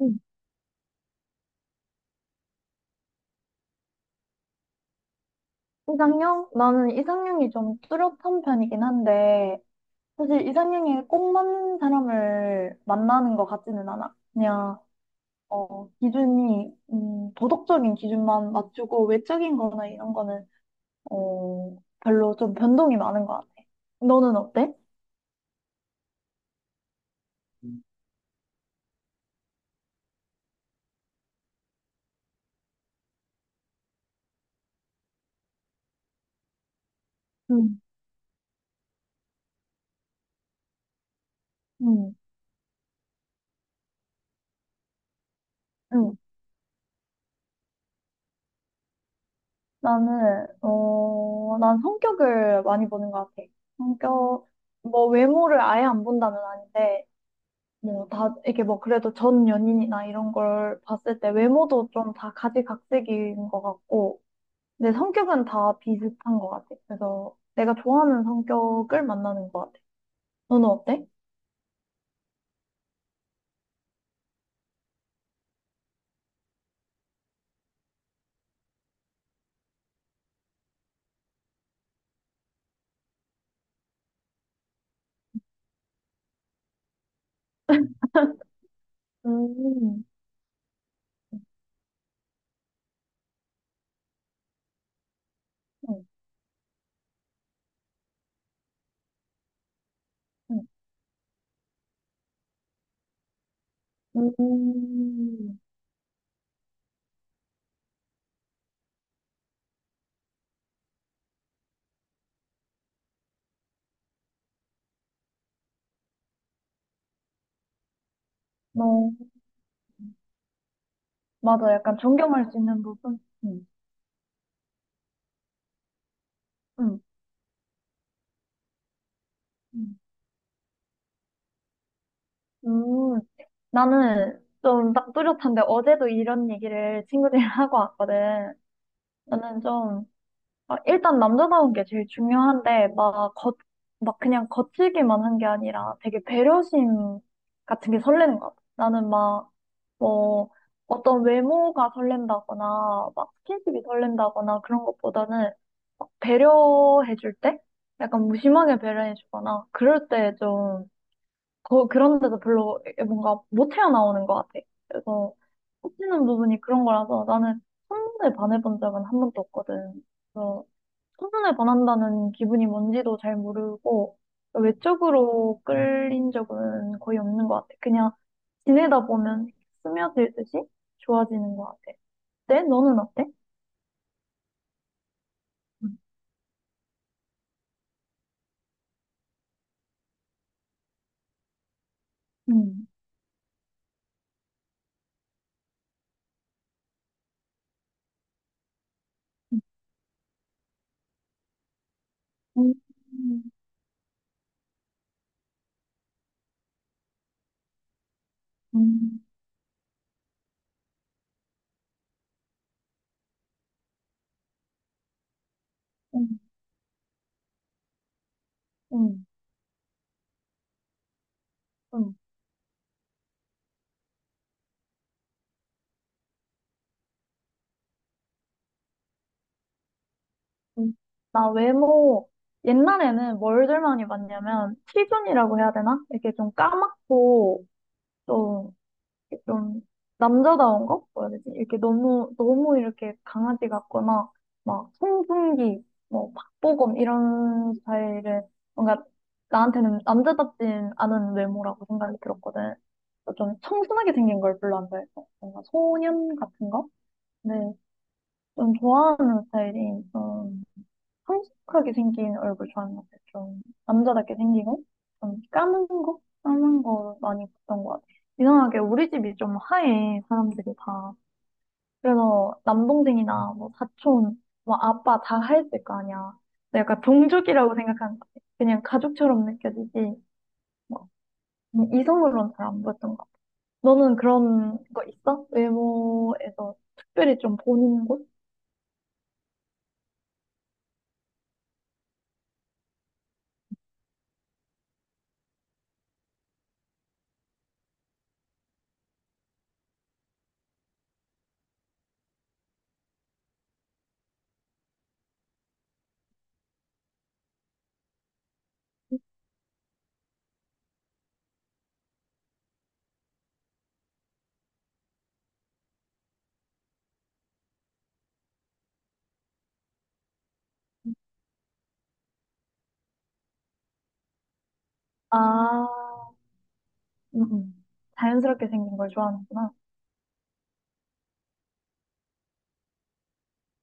음, 이상형? 나는 이상형이 좀 뚜렷한 편이긴 한데, 사실 이상형에 꼭 맞는 사람을 만나는 것 같지는 않아. 그냥, 기준이, 도덕적인 기준만 맞추고, 외적인 거나 이런 거는, 별로 좀 변동이 많은 것 같아. 너는 어때? 응. 응. 응. 난 성격을 많이 보는 것 같아. 성격, 뭐 외모를 아예 안 본다는 아닌데, 뭐 다 이게 뭐 그래도 전 연인이나 이런 걸 봤을 때 외모도 좀 다 가지각색인 것 같고 내 성격은 다 비슷한 것 같아. 그래서 내가 좋아하는 성격을 만나는 것 같아. 너는 어때? 음, 응, 응. 음, 너, 맞아. 약간 존경할 수 있는 부분? 응, 응, 응. 음, 나는 좀 딱 뚜렷한데 어제도 이런 얘기를 친구들이랑 하고 왔거든. 나는 좀 아, 일단 남자다운 게 제일 중요한데, 막, 겉 막 그냥 거칠기만 한 게 아니라 되게 배려심 같은 게 설레는 것 같아. 나는 막, 뭐, 어떤 외모가 설렌다거나, 막 스킨십이 설렌다거나 그런 것보다는 막 배려해줄 때? 약간 무심하게 배려해주거나, 그럴 때 좀, 그런 데서 별로 뭔가 못 헤어나오는 것 같아. 그래서 꽂히는 부분이 그런 거라서 나는 한 번에 반해본 적은 한 번도 없거든. 천선을 반한다는 기분이 뭔지도 잘 모르고 외적으로 끌린 적은 거의 없는 것 같아. 그냥 지내다 보면 스며들듯이 좋아지는 것 같아. 네? 너는 어때? 음. 음. 음. 음. 음. 음. 음. 음. 나 외모 옛날에는 뭘들 많이 봤냐면 티존이라고 해야 되나? 이렇게 좀 까맣고 좀 이렇게 좀 남자다운 거? 뭐라 해야 되지? 이렇게 너무, 너무 이렇게 강아지 같거나, 막, 송중기, 뭐, 박보검, 이런 스타일은 뭔가 나한테는 남자답진 않은 외모라고 생각이 들었거든. 그래서 좀 청순하게 생긴 걸 별로 안 좋아해서. 뭔가 소년 같은 거? 네, 좀 좋아하는 스타일이, 성숙하게 생긴 얼굴 좋아하는 것 같아요. 좀 남자답게 생기고 좀 까만 거? 까만 거 많이 봤던 것 같아요. 이상하게 우리 집이 좀 하얘 사람들이 다. 그래서 남동생이나 뭐 사촌, 뭐 아빠 다 하였을 거 아니야. 근데 약간 동족이라고 생각하는 것 같아. 그냥 가족처럼 느껴지지 뭐 뭐 이성으로는 잘 안 보였던 것 같아. 너는 그런 거 있어? 외모에서 특별히 좀 보는 곳? 아, 음, 음. 자연스럽게 생긴 걸 좋아하는구나.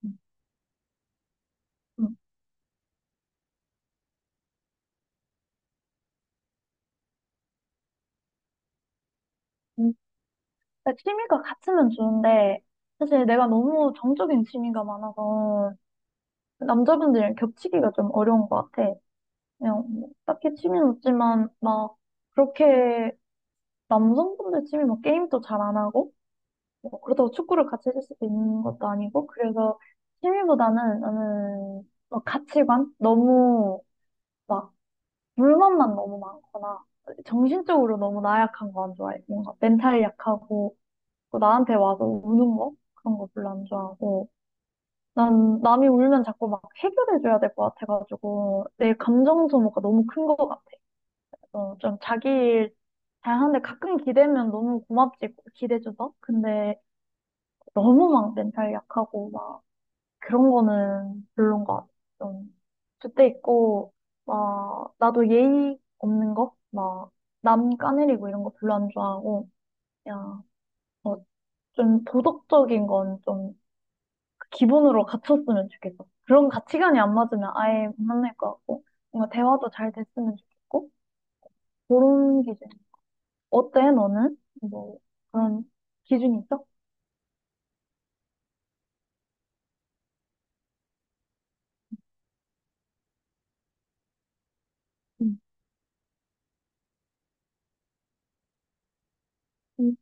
음. 음, 음. 그러니까 취미가 같으면 좋은데, 사실 내가 너무 정적인 취미가 많아서, 남자분들이랑 겹치기가 좀 어려운 것 같아. 그냥, 뭐 딱히 취미는 없지만, 막, 그렇게, 남성분들 취미 뭐 게임도 잘 안 하고, 뭐 그렇다고 축구를 같이 해줄 수도 있는 것도 아니고, 그래서 취미보다는 나는, 막 가치관? 너무, 막, 물만만 너무 많거나, 정신적으로 너무 나약한 거 안 좋아해. 뭔가 멘탈이 약하고, 그 나한테 와서 우는 거? 그런 거 별로 안 좋아하고. 난 남이 울면 자꾸 막 해결해줘야 될 것 같아가지고, 내 감정 소모가 너무 큰 것 같아. 그래서 좀 자기 일 잘하는데 가끔 기대면 너무 고맙지, 기대줘서. 근데 너무 막 멘탈 약하고, 막 그런 거는 별론 것 같아. 좀, 그때 있고, 막, 나도 예의 없는 거? 막, 남 까내리고 이런 거 별로 안 좋아하고, 야, 어, 좀 도덕적인 건좀 기본으로 갖췄으면 좋겠어. 그런 가치관이 안 맞으면 아예 못 만날 것 같고, 뭔가 대화도 잘 됐으면 좋겠고, 그런 기준. 어때, 너는? 뭐, 그런 기준이 있어? 응. 응.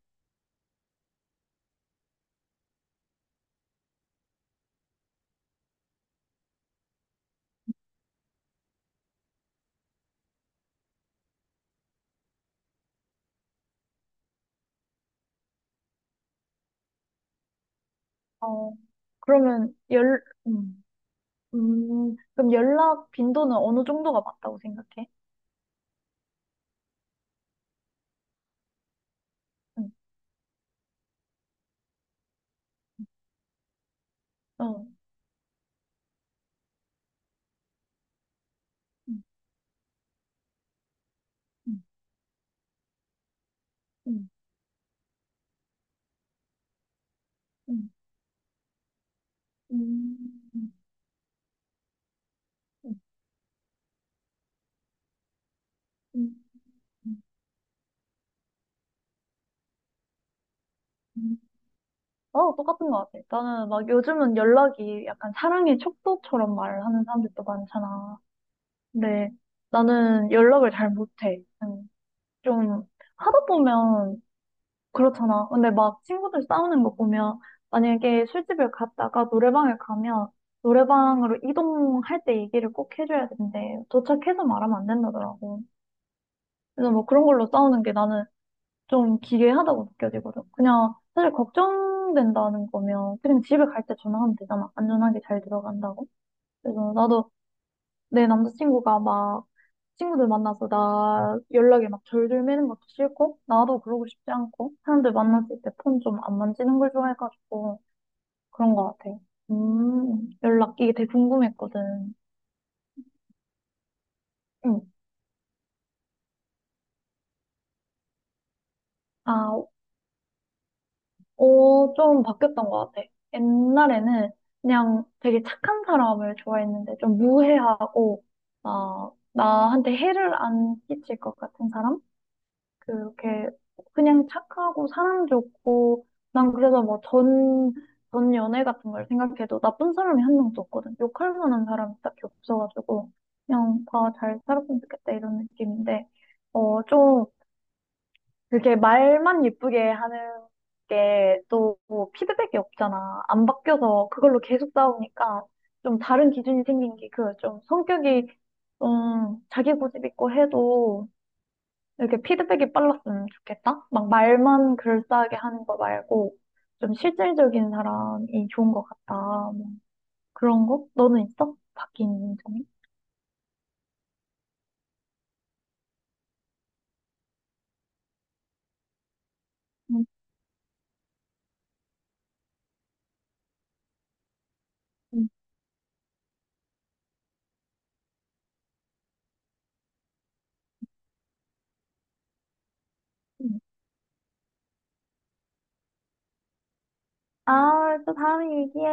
어, 그러면 연, 음, 그럼 연락 빈도는 어느 정도가 맞다고 생각해? 응, 어, 응. 응. 응. 응, 응. 응. 음, 음, 음. 나도 똑같은 것 같아. 나는 막 요즘은 연락이 약간 사랑의 척도처럼 말을 하는 사람들도 많잖아. 근데 나는 연락을 잘 못해. 음, 좀 하다 보면 그렇잖아. 근데 막 친구들 싸우는 거 보면 만약에 술집을 갔다가 노래방에 가면 노래방으로 이동할 때 얘기를 꼭 해줘야 된대. 도착해서 말하면 안 된다더라고. 그래서 뭐 그런 걸로 싸우는 게 나는 좀 기괴하다고 느껴지거든. 그냥 사실 걱정된다는 거면 그냥 집에 갈 때 전화하면 되잖아. 안전하게 잘 들어간다고. 그래서 나도 내 남자친구가 막 친구들 만나서 나 연락에 막 절들 매는 것도 싫고 나도 그러고 싶지 않고 사람들 만났을 때 폰 좀 안 만지는 걸 좋아해가지고 그런 것 같아. 연락 이게 되게 궁금했거든. 응. 아, 어, 좀 바뀌었던 것 같아. 옛날에는 그냥 되게 착한 사람을 좋아했는데 좀 무해하고 아, 나한테 해를 안 끼칠 것 같은 사람? 그렇게 그냥 착하고 사람 좋고 난 그래서 뭐 전 연애 같은 걸 생각해도 나쁜 사람이 한 명도 없거든. 욕할 만한 사람이 딱히 없어가지고 그냥 다 잘 살았으면 좋겠다 이런 느낌인데 좀 그렇게 말만 예쁘게 하는 게 또 피드백이 없잖아. 안 바뀌어서 그걸로 계속 싸우니까 좀 다른 기준이 생긴 게 그 좀 성격이 좀 자기 고집 있고 해도 이렇게 피드백이 빨랐으면 좋겠다. 막 말만 글싸하게 하는 거 말고 좀 실질적인 사람이 좋은 것 같다. 뭐 그런 거? 너는 있어? 바뀐 점이? 음, 음, 음. 아, 또 다음에 얘기해.